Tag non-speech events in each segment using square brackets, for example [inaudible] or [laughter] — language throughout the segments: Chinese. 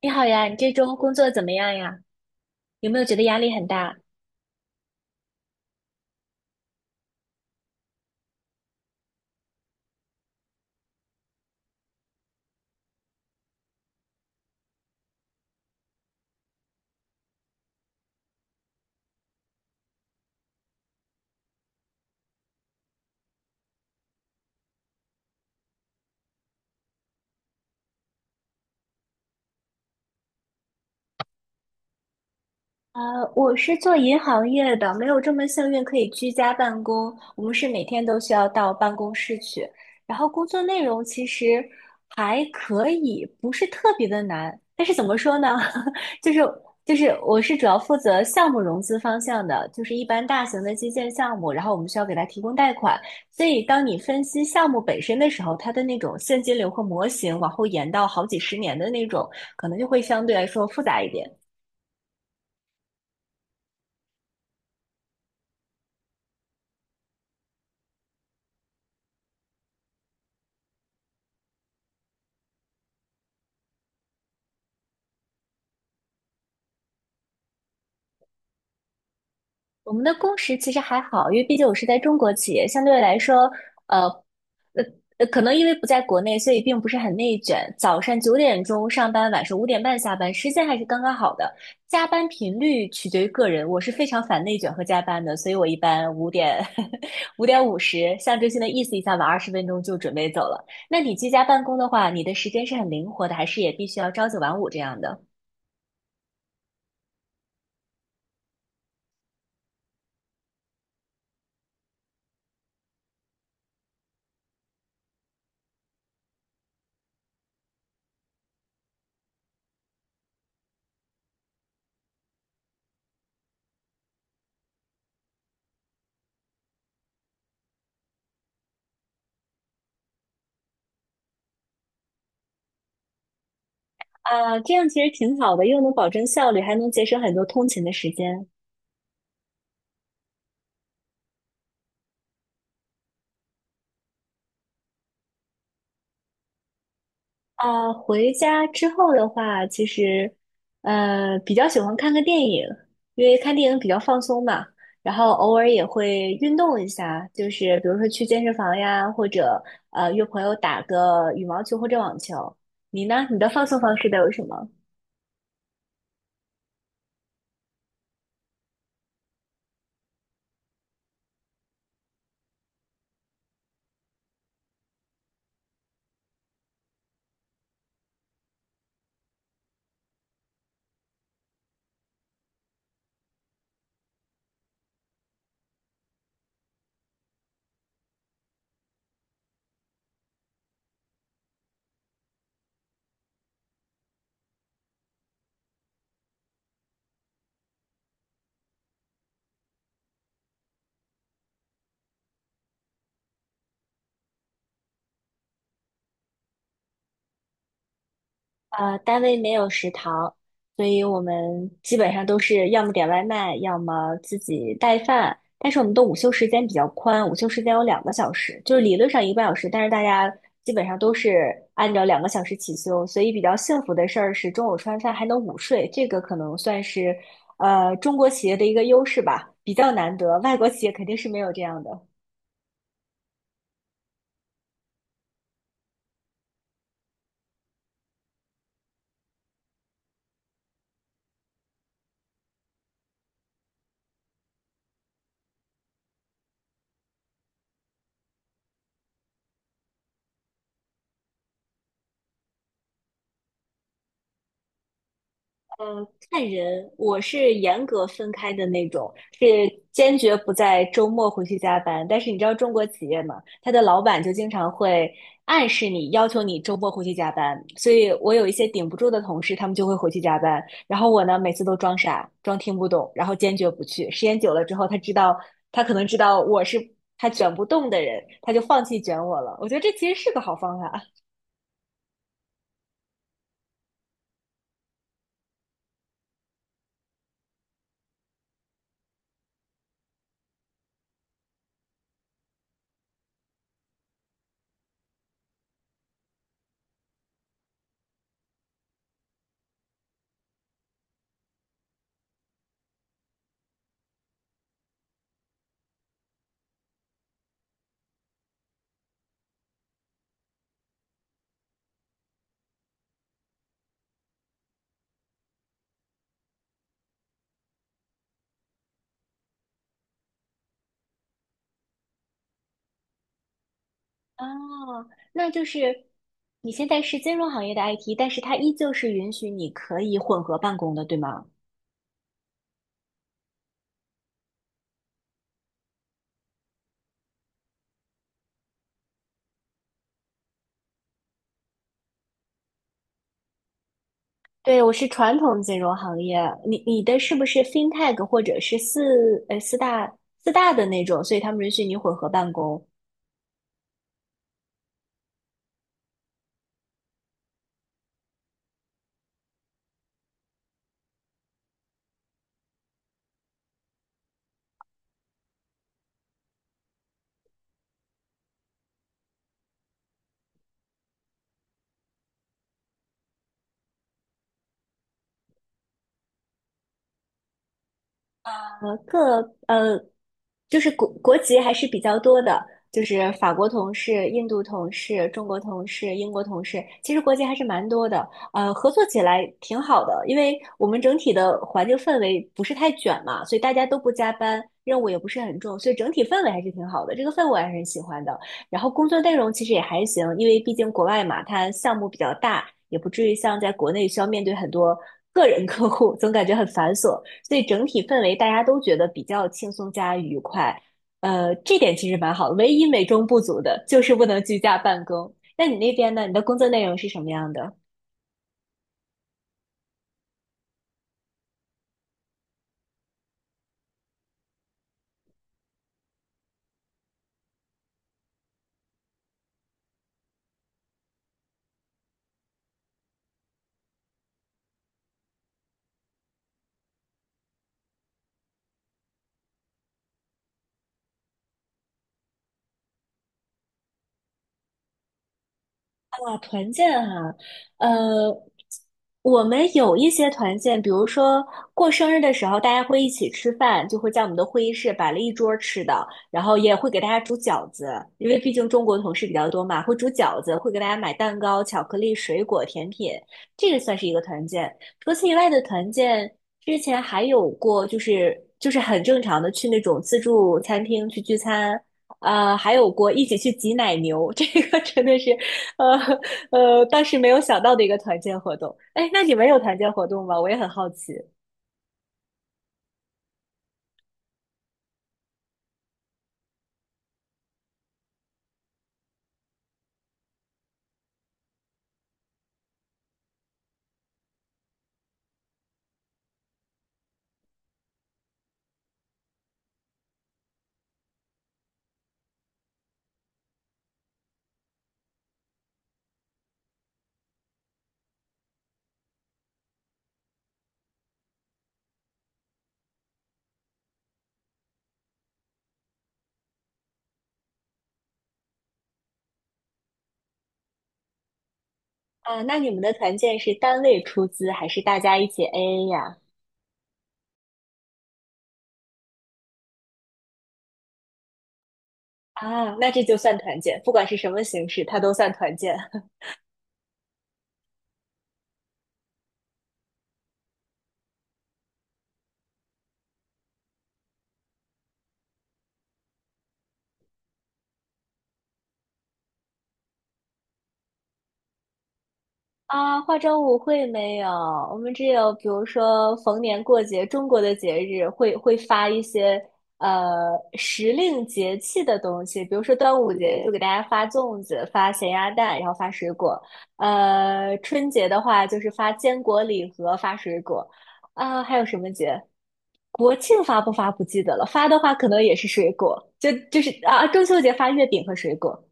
你好呀，你这周工作怎么样呀？有没有觉得压力很大？呃，我是做银行业的，没有这么幸运可以居家办公。我们是每天都需要到办公室去，然后工作内容其实还可以，不是特别的难。但是怎么说呢？[laughs] 就是就是，我是主要负责项目融资方向的，就是一般大型的基建项目，然后我们需要给它提供贷款。所以当你分析项目本身的时候，它的那种现金流和模型往后延到好几十年的那种，可能就会相对来说复杂一点。我们的工时其实还好，因为毕竟我是在中国企业，相对来说，呃，可能因为不在国内，所以并不是很内卷。早上9点钟上班，晚上5点半下班，时间还是刚刚好的。加班频率取决于个人，我是非常反内卷和加班的，所以我一般五 [laughs] 点五十象征性的意思一下，晚20分钟就准备走了。那你居家办公的话，你的时间是很灵活的，还是也必须要朝九晚五这样的？啊，这样其实挺好的，又能保证效率，还能节省很多通勤的时间。啊，回家之后的话，其实，比较喜欢看个电影，因为看电影比较放松嘛。然后偶尔也会运动一下，就是比如说去健身房呀，或者约朋友打个羽毛球或者网球。你呢？你的放松方式都有什么？单位没有食堂，所以我们基本上都是要么点外卖，要么自己带饭。但是我们的午休时间比较宽，午休时间有两个小时，就是理论上1个半小时，但是大家基本上都是按照两个小时起休。所以比较幸福的事儿是中午吃完饭还能午睡，这个可能算是中国企业的一个优势吧，比较难得，外国企业肯定是没有这样的。看人，我是严格分开的那种，是坚决不在周末回去加班。但是你知道中国企业嘛，他的老板就经常会暗示你，要求你周末回去加班。所以我有一些顶不住的同事，他们就会回去加班。然后我呢，每次都装傻，装听不懂，然后坚决不去。时间久了之后，他知道，他可能知道我是他卷不动的人，他就放弃卷我了。我觉得这其实是个好方法。哦，那就是你现在是金融行业的 IT，但是它依旧是允许你可以混合办公的，对吗？对，我是传统金融行业，你的是不是 FinTech 或者是四大的那种，所以他们允许你混合办公，呃，各呃，就是国籍还是比较多的，就是法国同事、印度同事、中国同事、英国同事，其实国籍还是蛮多的。合作起来挺好的，因为我们整体的环境氛围不是太卷嘛，所以大家都不加班，任务也不是很重，所以整体氛围还是挺好的。这个氛围我还是很喜欢的。然后工作内容其实也还行，因为毕竟国外嘛，它项目比较大，也不至于像在国内需要面对很多个人客户，总感觉很繁琐。所以整体氛围大家都觉得比较轻松加愉快。这点其实蛮好的，唯一美中不足的就是不能居家办公。那你那边呢？你的工作内容是什么样的？啊团建哈，呃，我们有一些团建，比如说过生日的时候，大家会一起吃饭，就会在我们的会议室摆了一桌吃的，然后也会给大家煮饺子，因为毕竟中国同事比较多嘛，会煮饺子，会给大家买蛋糕、巧克力、水果、甜品，这个算是一个团建。除此以外的团建，之前还有过，就是很正常的去那种自助餐厅去聚餐。还有过一起去挤奶牛，这个真的是，呃，当时没有想到的一个团建活动。哎，那你们有团建活动吗？我也很好奇。啊，那你们的团建是单位出资还是大家一起 AA 呀？啊，那这就算团建，不管是什么形式，它都算团建。啊，化妆舞会没有，我们只有比如说逢年过节，中国的节日会发一些呃时令节气的东西，比如说端午节就给大家发粽子、发咸鸭蛋，然后发水果。春节的话就是发坚果礼盒、发水果。啊，还有什么节？国庆发不发不记得了，发的话可能也是水果，就是啊，中秋节发月饼和水果。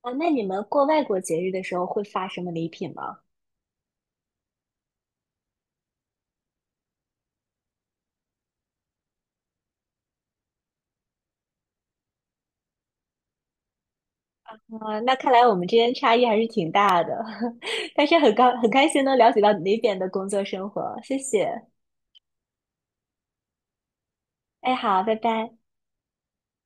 啊，那你们过外国节日的时候会发什么礼品吗？啊，那看来我们之间差异还是挺大的，[laughs] 但是很开心能了解到你那边的工作生活，谢谢。哎，好，拜拜。